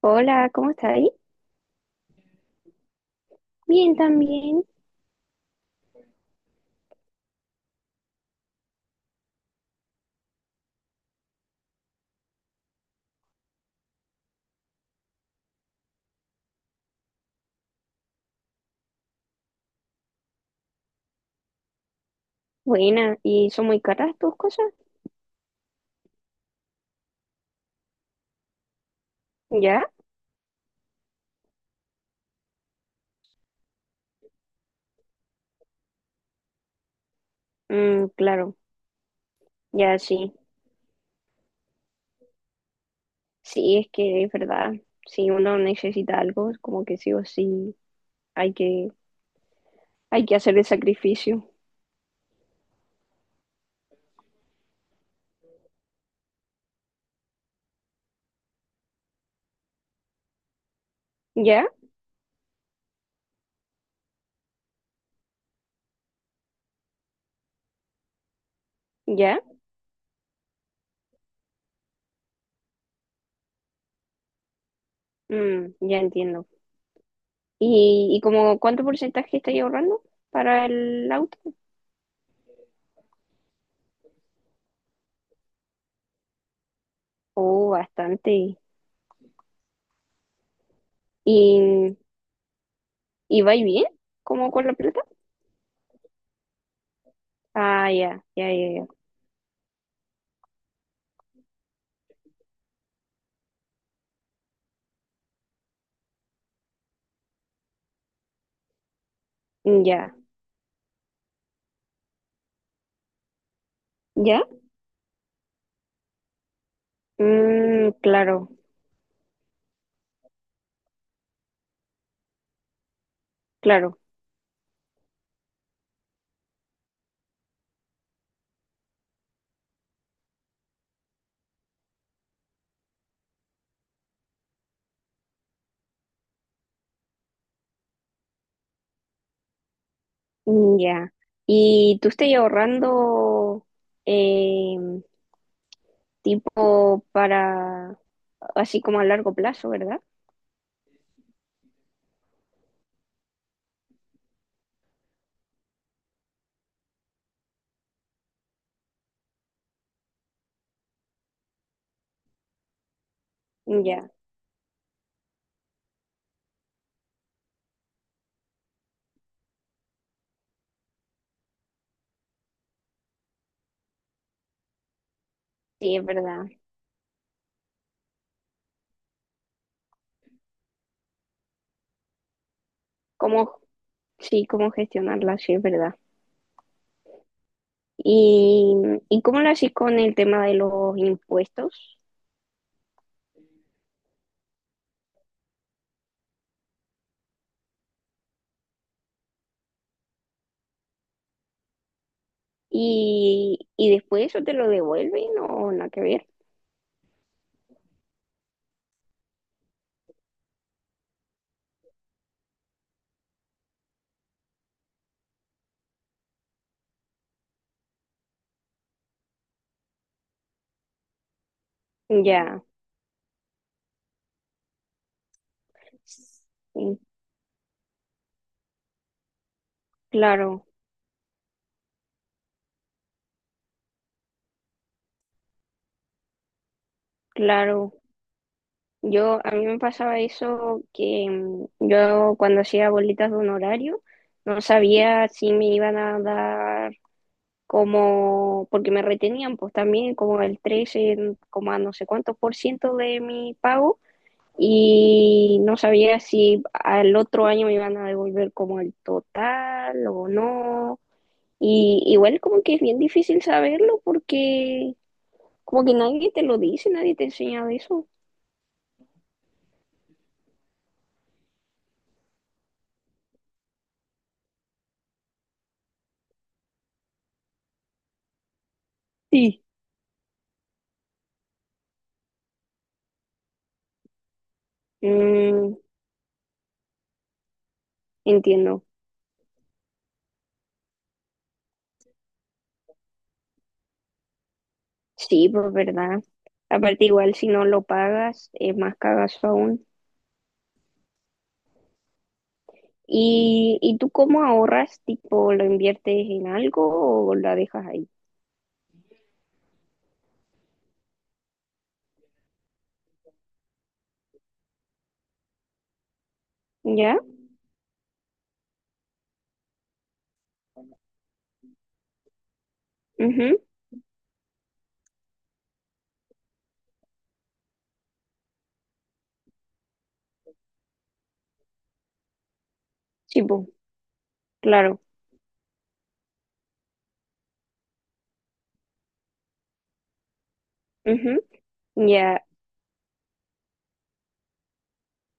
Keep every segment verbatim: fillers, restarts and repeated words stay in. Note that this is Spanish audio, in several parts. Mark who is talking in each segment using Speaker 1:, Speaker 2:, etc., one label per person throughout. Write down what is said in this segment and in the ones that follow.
Speaker 1: Hola, ¿cómo estás ahí? Bien, también. Buena, ¿y son muy caras tus cosas? ¿Ya? Mm, claro, ya sí. Sí, es que es verdad. Si uno necesita algo, es como que sí o sí hay que, hay que hacer el sacrificio. ¿Ya? ¿Ya? Mm, ya entiendo. ¿Y, y como cuánto porcentaje estáis ahorrando para el auto? Oh, bastante. ¿Y, y vais bien? ¿Cómo con la plata? Ah, ya, ya, ya, ya. Ya, ya. Mm, claro. Claro, mm, ya. ¿Y tú estás ahorrando eh, tipo para, así como a largo plazo, ¿verdad? Mm, ya, sí, es verdad. ¿Cómo, sí, cómo gestionarla? Sí, es verdad. ¿Y, y cómo lo haces con el tema de los impuestos? ¿Y, y después eso te lo devuelven o nada que ver? Ya, sí, claro, claro. Yo, a mí me pasaba eso que mm, yo cuando hacía bolitas de un horario no sabía si me iban a dar como, porque me retenían pues también como el trece en- como no sé cuántos por ciento de mi pago y no sabía si al otro año me iban a devolver como el total o no. Y igual como que es bien difícil saberlo porque como que nadie te lo dice, nadie te enseña de eso. Sí. Mm, entiendo. Sí, pues verdad. Aparte, igual si no lo pagas, es más cagazo aún. ¿Y, y tú cómo ahorras? ¿Tipo lo inviertes en algo o la dejas ahí? ¿Ya? Ujú. Sí, pues, claro. Ujú. Ya.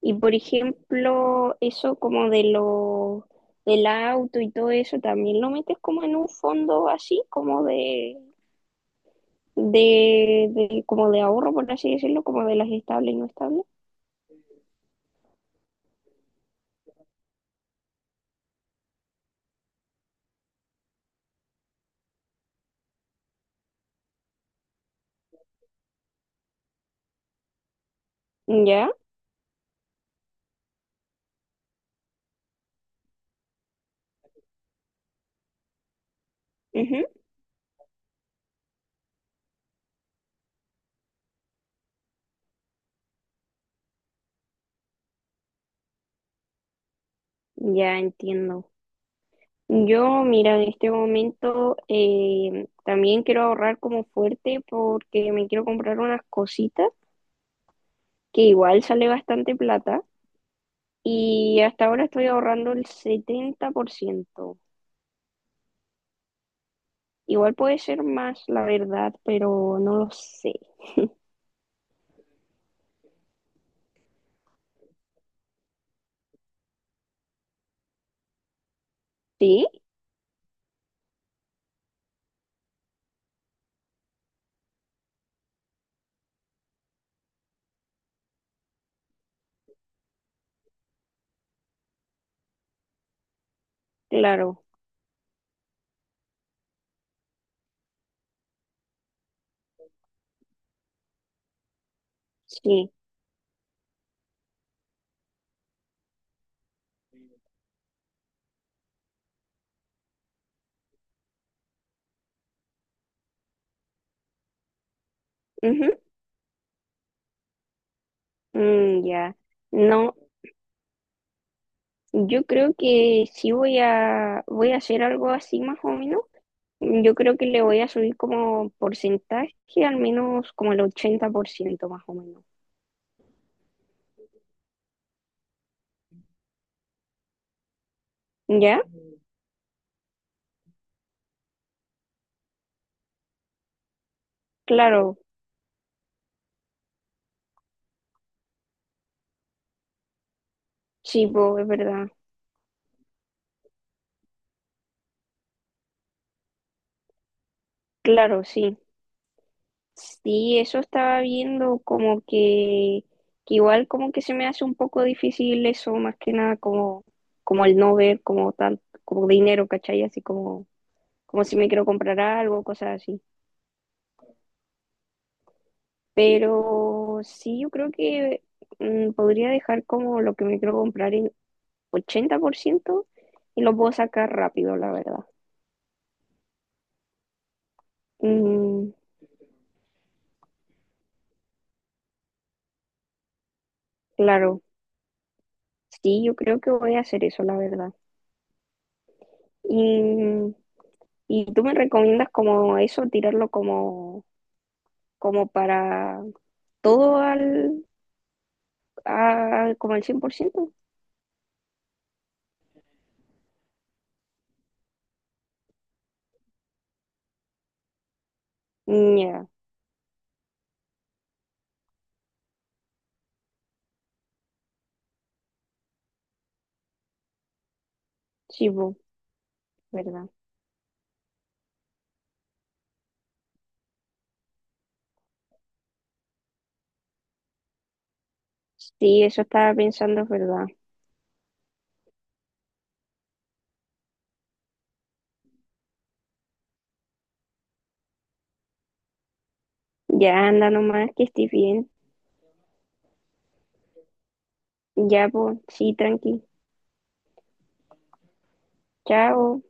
Speaker 1: Y por ejemplo, eso como de lo del auto y todo eso, ¿también lo metes como en un fondo así, como de, de, de- como de ahorro, por así decirlo, como de las estables y no estables? ¿Ya? Ujú. Ya entiendo. Yo, mira, en este momento eh, también quiero ahorrar como fuerte porque me quiero comprar unas cositas que igual sale bastante plata y hasta ahora estoy ahorrando el setenta por ciento. Igual puede ser más, la verdad, pero no lo sé. ¿Sí? Claro, sí. Ujú. Mm, ya. No, yo creo que sí voy a, voy a hacer algo así más o menos. Yo creo que le voy a subir como porcentaje, al menos como el ochenta por ciento más o menos. ¿Ya? Claro, sí, po, es verdad. Claro, sí. Sí, eso estaba viendo como que, que igual como que se me hace un poco difícil eso, más que nada como, como el no ver como tal, como dinero, ¿cachai? Así como, como si me quiero comprar algo, cosas así. Pero sí, yo creo que mm, podría dejar como lo que me quiero comprar en ochenta por ciento y lo puedo sacar rápido, la verdad. Mm, claro, sí, yo creo que voy a hacer eso, la verdad. Y, y tú me recomiendas como eso, tirarlo como, como para todo al, al- como al cien por ciento. Mm, ya, sí, po, verdad. Sí, eso estaba pensando, es verdad. Ya anda nomás, que estés bien. Ya, pues, sí, tranqui. Chao.